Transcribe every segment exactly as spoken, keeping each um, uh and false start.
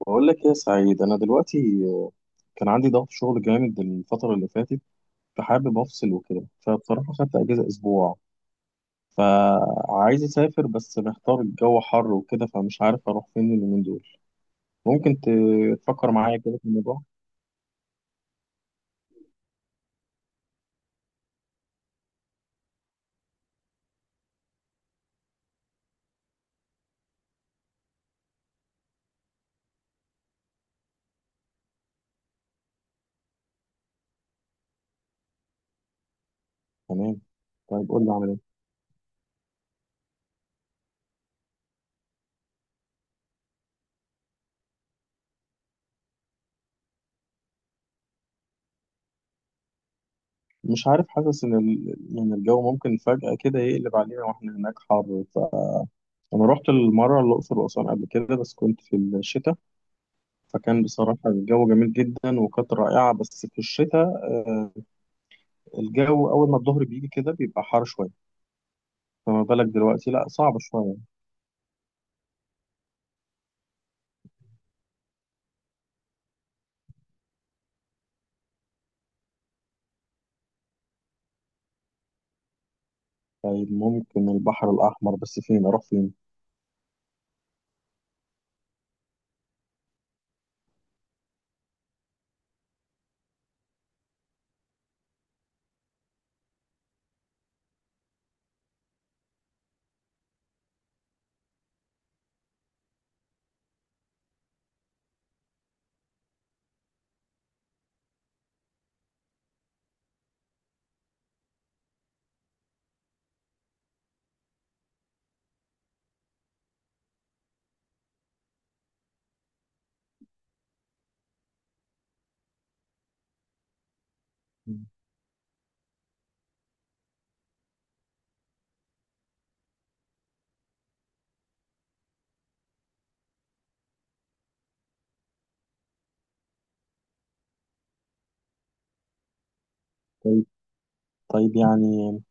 بقول لك يا سعيد، انا دلوقتي كان عندي ضغط شغل جامد الفتره اللي فاتت، فحابب افصل وكده. فبصراحه خدت اجازه اسبوع، فعايز اسافر بس محتار. الجو حر وكده فمش عارف اروح فين اليومين دول. ممكن ت- تفكر معايا كده في الموضوع؟ تمام. طيب قول لي اعمل ايه. مش عارف، حاسس ان ال... يعني الجو ممكن فجاه كده يقلب علينا واحنا هناك حر. فانا رحت المره الاقصر واسوان قبل كده، بس كنت في الشتاء، فكان بصراحه الجو جميل جدا وكانت رائعه، بس في الشتاء. آه، الجو أول ما الظهر بيجي كده بيبقى حار شوية، فما بالك دلوقتي؟ لأ، صعب شوية. طيب ممكن البحر الأحمر، بس فين أروح فين؟ مم. طيب، طيب يعني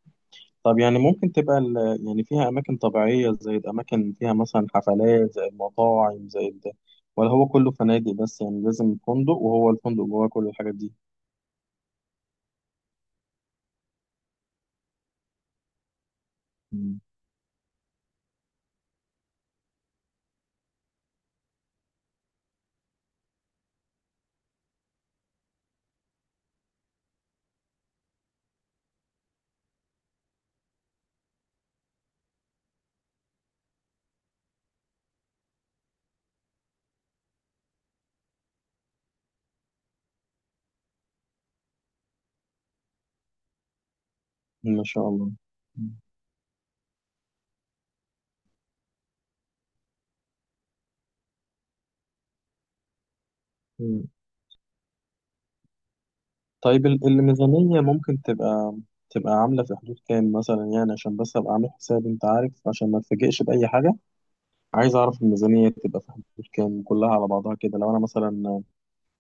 طب يعني ممكن تبقى ال- يعني فيها أماكن طبيعية زي الأماكن، فيها مثلا حفلات زي المطاعم زي ده، ولا هو كله فنادق؟ بس يعني لازم فندق، وهو الفندق جواه كل الحاجات دي؟ مم. ما شاء الله. مم. طيب ال- الميزانية ممكن تبقى، تبقى عاملة في حدود كام مثلا؟ يعني عشان بس أبقى عامل حساب، أنت عارف، عشان ما اتفاجئش بأي حاجة. عايز أعرف الميزانية تبقى في حدود كام كلها على بعضها كده، لو أنا مثلا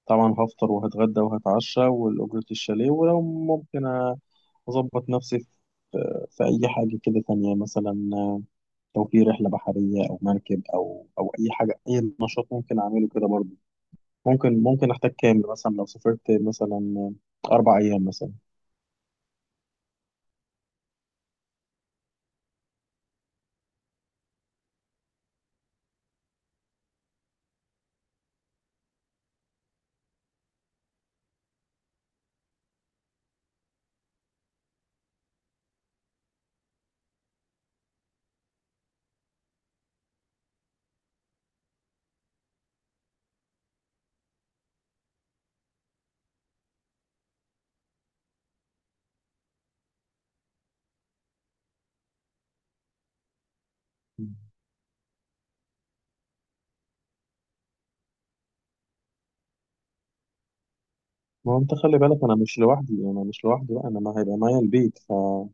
طبعا هفطر وهتغدى وهتعشى والأجرة الشاليه. ولو ممكن أظبط نفسي في في أي حاجة كده تانية مثلا، لو في رحلة بحرية أو مركب أو أو أي حاجة، أي نشاط ممكن أعمله كده برضه. ممكن ممكن أحتاج كام مثلا لو سافرت مثلا أربع أيام مثلا؟ ما هو انت خلي بالك انا مش لوحدي، انا مش لوحدي بقى، انا ما هيبقى معايا البيت ف آه.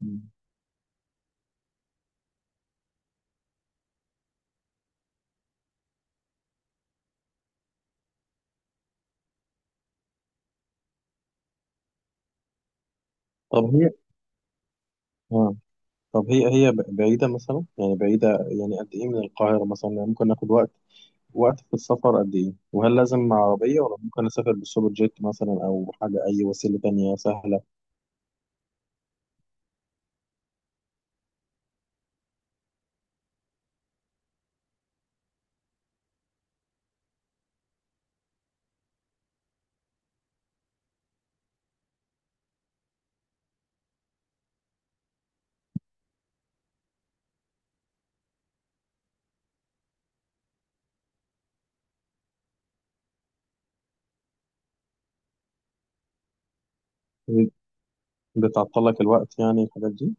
مم. طب هي، اه، طب هي هي ب- بعيدة مثلا؟ يعني بعيدة يعني قد ايه من القاهرة مثلا؟ يعني ممكن ناخد وقت وقت في السفر قد ايه؟ وهل لازم مع عربية ولا ممكن اسافر بالسوبر جيت مثلا، او حاجة اي وسيلة تانية سهلة؟ بتعطل لك الوقت يعني الحاجات دي؟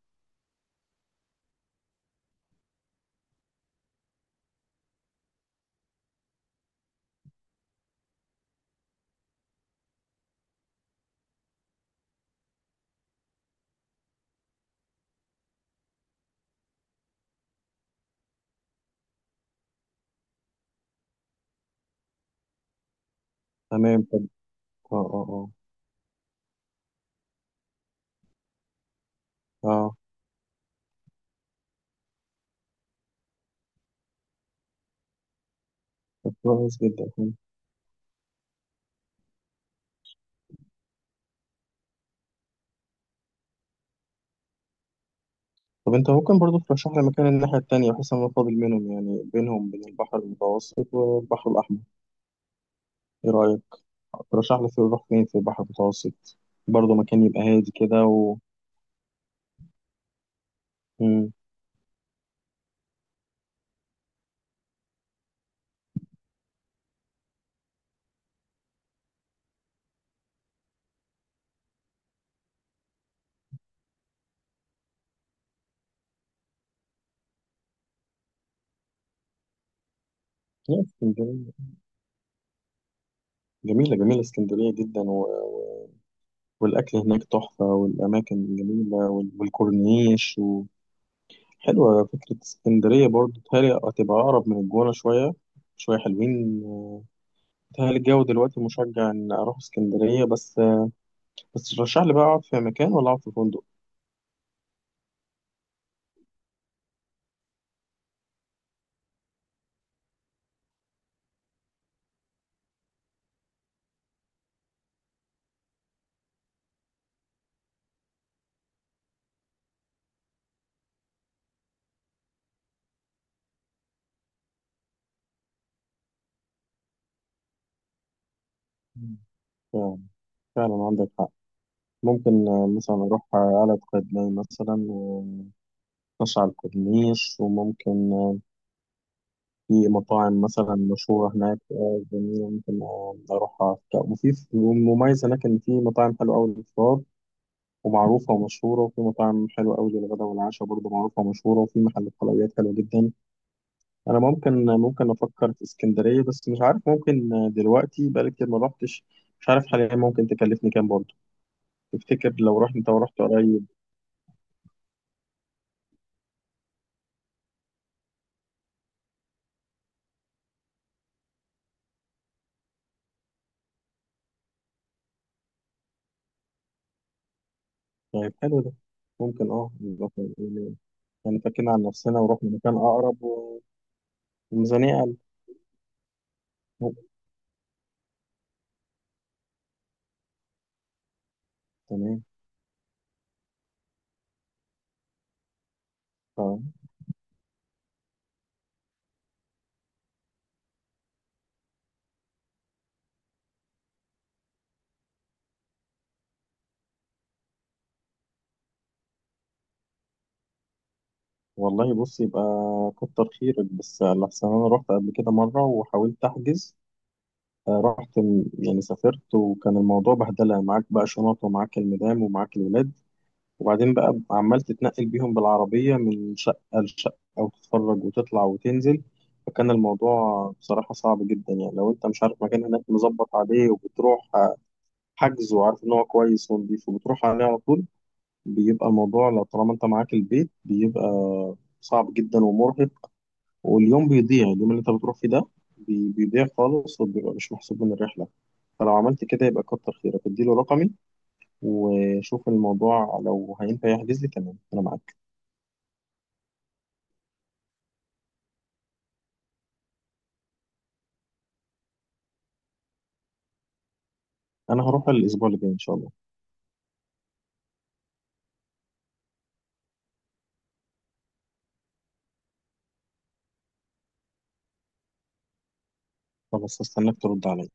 تمام. طب، اه اه اه اه طب كويس جدا. طب انت ممكن برضو ترشح لي مكان الناحية التانية، بحيث ان انا فاضل منهم، يعني بينهم بين البحر المتوسط والبحر الاحمر؟ ايه رأيك؟ ترشح لي في اروح فين في البحر المتوسط برضه، مكان يبقى هادي كده و... مم. لا، اسكندرية جميلة، جميلة اسكندرية جدا، و... و... والأكل هناك تحفة، والأماكن جميلة، وال... والكورنيش و... حلوة فكرة اسكندرية برضه. بتهيألي هتبقى أقرب من الجونة شوية، شوية حلوين. آه، بتهيألي الجو دلوقتي مشجع إن أروح اسكندرية. بس بس ترشح لي بقى، أقعد في مكان ولا أقعد في فندق؟ مم. فعلا، فعلا عندك حق. ممكن آه، مثلا أروح آه، قلعة قايتباي مثلا وأتمشى على الكورنيش، وممكن آه، في مطاعم مثلا مشهورة هناك، آه، جميلة، ممكن آه، أروح أفطر. وفي مميز هناك إن في مطاعم حلوة أوي للفطار ومعروفة ومشهورة، وفي مطاعم حلوة أوي للغدا والعشاء برضه معروفة ومشهورة، وفي محلات حلويات حلوة جدا. أنا ممكن ممكن أفكر في اسكندرية، بس مش عارف ممكن، آه، دلوقتي بقالي كتير ما روحتش. مش عارف حاليا ممكن تكلفني كام برضه؟ تفتكر لو رحت أنت ورحت قريب؟ طيب، حلو ده. ممكن اه نبقى ف- يعني فكينا عن نفسنا ورحنا مكان أقرب، و- وميزانية أقل. تمام. ف- والله بص، يبقى كتر خيرك. بس لحسن أنا رحت قبل كده مرة وحاولت أحجز، آه، رحت م- يعني سافرت، وكان الموضوع بهدلة. معاك بقى شنط ومعاك المدام ومعاك الولاد، وبعدين بقى عمال تتنقل بيهم بالعربية من شقة لشقة، أو تتفرج وتطلع وتنزل. فكان الموضوع بصراحة صعب جدا. يعني لو أنت مش عارف مكان هناك مظبط عليه وبتروح آه، حجز وعارف ان هو كويس ونضيف وبتروح عليه على طول، بيبقى الموضوع، لو طالما انت معاك البيت، بيبقى صعب جدا ومرهق. واليوم بيضيع، اليوم اللي انت بتروح فيه ده بي- بيضيع خالص، وبيبقى مش محسوب من الرحله. فلو عملت كده يبقى كتر خيرك، اديله رقمي وشوف الموضوع لو هينفع يحجز لي. تمام، انا معاك. انا هروح الاسبوع اللي جاي ان شاء الله. خلاص، هستناك ترد عليا.